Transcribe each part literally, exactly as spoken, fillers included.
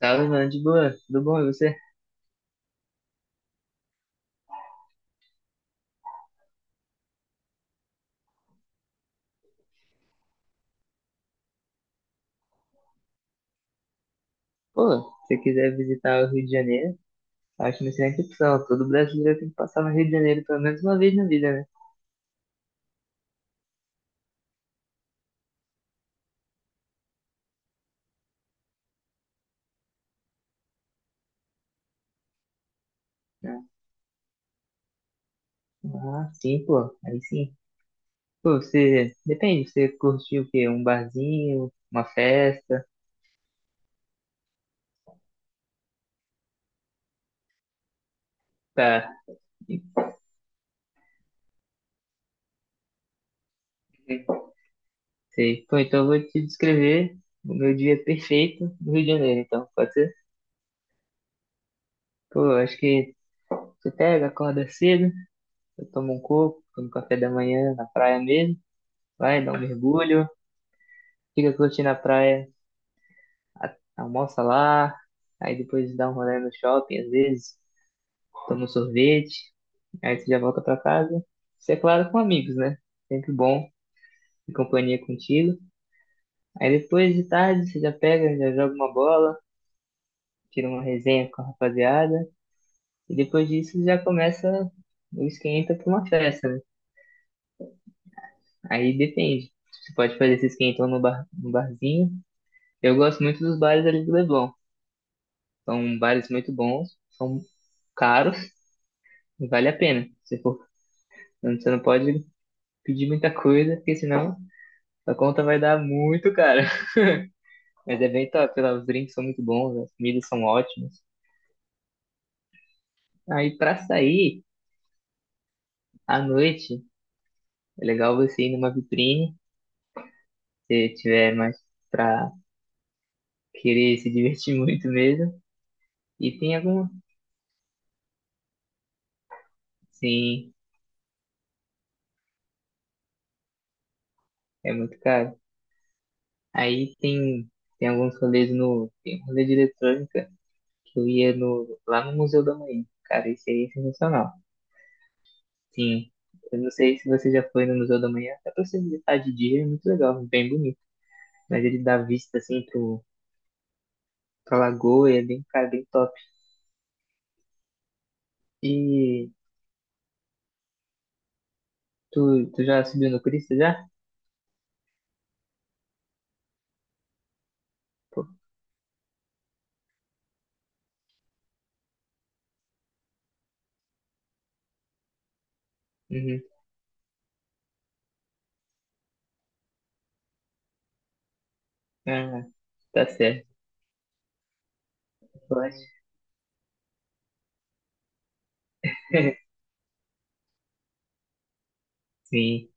Salve, mano, de boa, tudo bom, e você? Pô, se você quiser visitar o Rio de Janeiro, acho uma excelente opção. Todo brasileiro tem que passar no Rio de Janeiro pelo menos uma vez na vida, né? Ah, ah, sim, pô, aí sim. Pô, você, depende, você curtiu o quê? Um barzinho, uma festa? Tá, sei. Pô, então eu vou te descrever o meu dia perfeito no Rio de Janeiro, então, pode ser? Pô, eu acho que você pega, acorda cedo, eu tomo um coco, tomo café da manhã na praia mesmo, vai, dá um mergulho, fica curtindo a praia, a- almoça lá, aí depois dá um rolê no shopping, às vezes, toma um sorvete, aí você já volta pra casa. Isso é claro com amigos, né? Sempre bom ter companhia contigo. Aí depois de tarde você já pega, já joga uma bola, tira uma resenha com a rapaziada, e depois disso já começa o esquenta pra uma festa, né? Aí depende. Você pode fazer esse esquentão no bar, no barzinho. Eu gosto muito dos bares ali do Leblon. São bares muito bons, são caros. Vale a pena. Se for, não- você não pode pedir muita coisa, porque senão a conta vai dar muito cara. Mas é bem top, lá, os drinks são muito bons, as comidas são ótimas. Aí pra sair à noite, é legal você ir numa vitrine, se tiver mais pra querer se divertir muito mesmo. E tem algum, sim, é muito caro. Aí tem tem alguns rolês no, tem um rolê de eletrônica que eu ia no lá no Museu da Manhã. Cara, esse aí é sensacional. Sim, eu não sei se você já foi no Museu da Manhã, dá pra você visitar de dia, é muito legal, é bem bonito. Mas ele dá vista assim pro, pra lagoa, e é bem, cara, bem top. E tu, tu já subiu no Cristo já? Pô, uhum. Ah, tá certo, eu acho. Sim.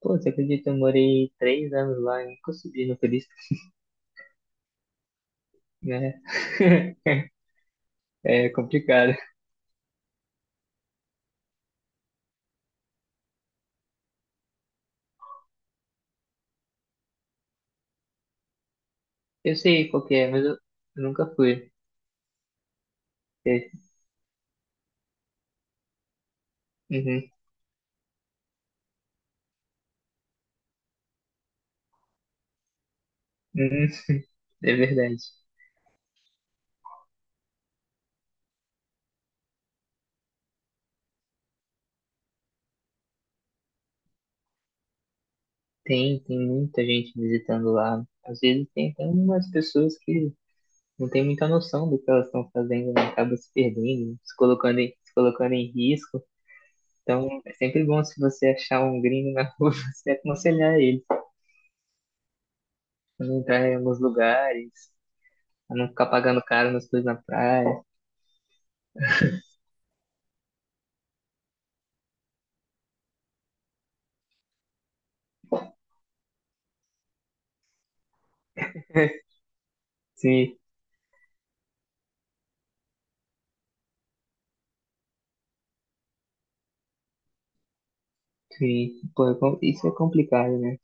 Pô, você acredita, eu morei três anos lá e nunca subi no Cristo, né? É complicado. Eu sei qual que é, mas eu, eu nunca fui. É, uhum, uhum, é verdade. Tem, tem muita gente visitando lá. Às vezes tem até umas pessoas que não têm muita noção do que elas estão fazendo, né? Acabam se perdendo, se colocando em, se colocando em risco. Então é sempre bom se você achar um gringo na rua, você aconselhar ele a não entrar em alguns lugares, a não ficar pagando caro nas coisas na praia. Se, se, pô, é com- isso é complicado, né?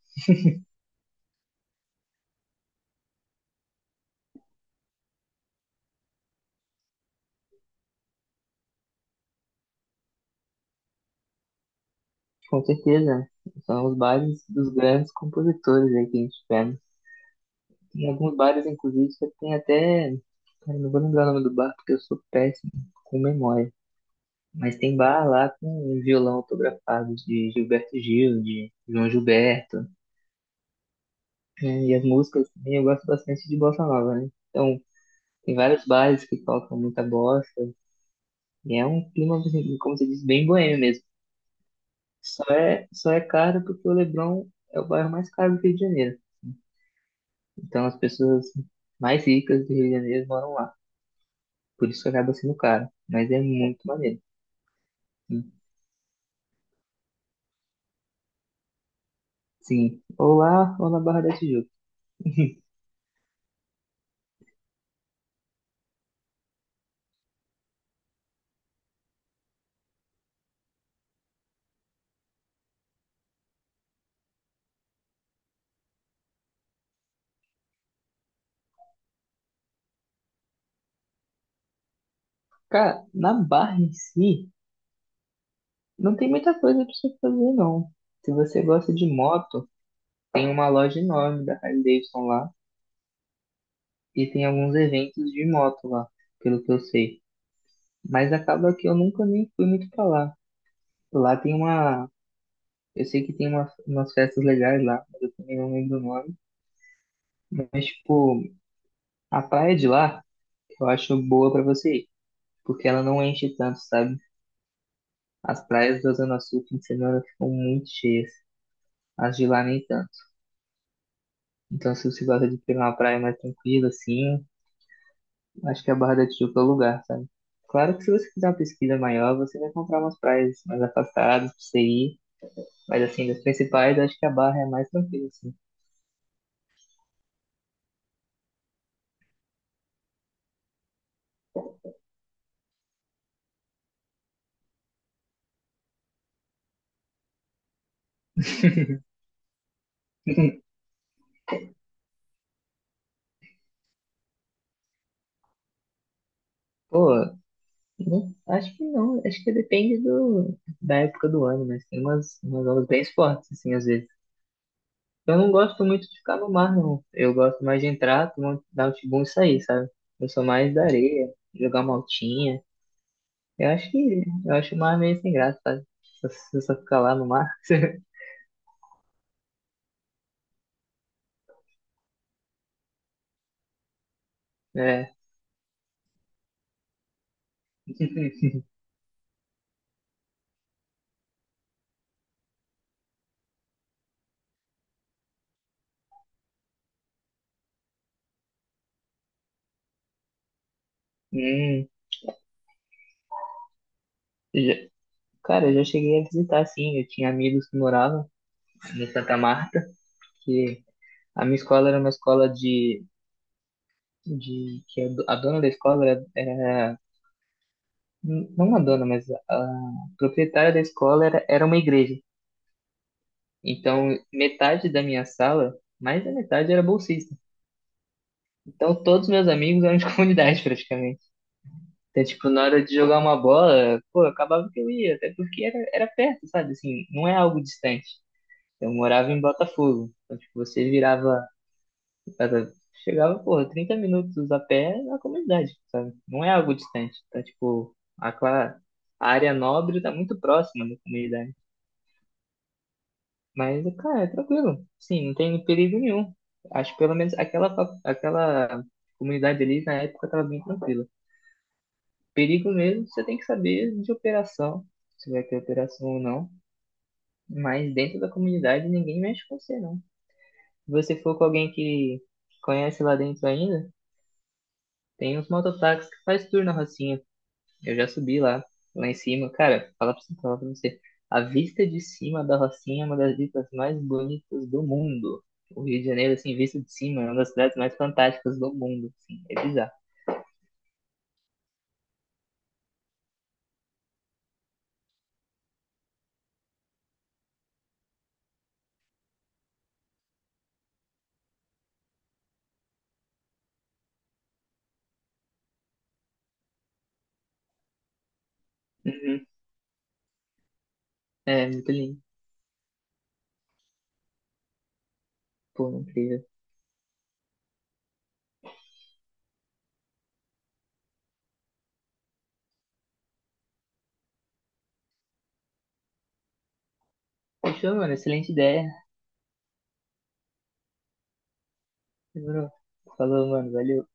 Com certeza. São os bares dos grandes compositores aí que a gente tiver. Em alguns bares, inclusive, você tem até. Cara, não vou lembrar o nome do bar porque eu sou péssimo com memória. Mas tem bar lá com um violão autografado de Gilberto Gil, de João Gilberto, né? E as músicas também, eu gosto bastante de bossa nova, né? Então, tem vários bares que tocam muita bossa. E é um clima, assim, como você disse, bem boêmio mesmo. Só é, só é caro porque o Leblon é o bairro mais caro do Rio de Janeiro. Então, as pessoas mais ricas do Rio de Janeiro moram lá. Por isso que acaba sendo caro. Mas é muito maneiro. Sim. Sim. Ou lá, ou na Barra da Tijuca. Cara, na Barra em si, não tem muita coisa pra você fazer, não. Se você gosta de moto, tem uma loja enorme da Harley Davidson lá. E tem alguns eventos de moto lá, pelo que eu sei. Mas acaba que eu nunca nem fui muito pra lá. Lá tem uma. Eu sei que tem uma, umas festas legais lá, mas eu também não lembro o nome. Mas, tipo, a praia de lá, eu acho boa pra você ir. Porque ela não enche tanto, sabe? As praias da Zona Sul, fim de semana, ficam muito cheias. As de lá, nem tanto. Então, se você gosta de pegar uma praia mais tranquila, assim, acho que a Barra da Tijuca é o lugar, sabe? Claro que se você fizer uma pesquisa maior, você vai encontrar umas praias mais afastadas pra você ir. Mas, assim, das principais, acho que a Barra é mais tranquila, assim. Pô, não- acho que não. Acho que depende do, da época do ano, mas tem umas, umas ondas bem fortes, assim, às vezes. Eu não gosto muito de ficar no mar, não. Eu gosto mais de entrar, tomar- um, dar um tibum e sair, sabe? Eu sou mais da areia, jogar uma altinha. Eu acho que eu acho o mar meio sem graça, sabe? Só, só só ficar lá no mar. É. Hum, já- cara, eu já cheguei a visitar, sim. Eu tinha amigos que moravam em Santa Marta, que a minha escola era uma escola de, de que a, do- a dona da escola era, era- não a dona, mas a, a proprietária da escola era, era uma igreja. Então, metade da minha sala, mais da metade era bolsista. Então, todos meus amigos eram de comunidade, praticamente. Então, tipo, na hora de jogar uma bola, pô, acabava que eu ia, até porque era, era perto, sabe? Assim, não é algo distante. Eu morava em Botafogo. Então, tipo, você virava, era- chegava, pô, trinta minutos a pé na comunidade, sabe? Não é algo distante. Então, tipo, a, cla- a área nobre tá muito próxima da comunidade. Mas, cara, é tranquilo. Sim, não tem perigo nenhum. Acho que pelo menos aquela, fa- aquela comunidade ali na época estava bem tranquila. Perigo mesmo, você tem que saber de operação, se vai ter operação ou não. Mas dentro da comunidade ninguém mexe com você, não. Se você for com alguém que conhece lá dentro ainda, tem uns mototáxis que faz tour na Rocinha. Eu já subi lá, lá em cima. Cara, falar pra você, falar pra você. A vista de cima da Rocinha é uma das vistas mais bonitas do mundo. O Rio de Janeiro, assim, visto de cima, é uma das cidades mais fantásticas do mundo. Assim, é bizarro. Uhum. É, muito lindo. Pô, incrível. Fechou, mano. Excelente ideia. Demorou. Falou, mano. Valeu.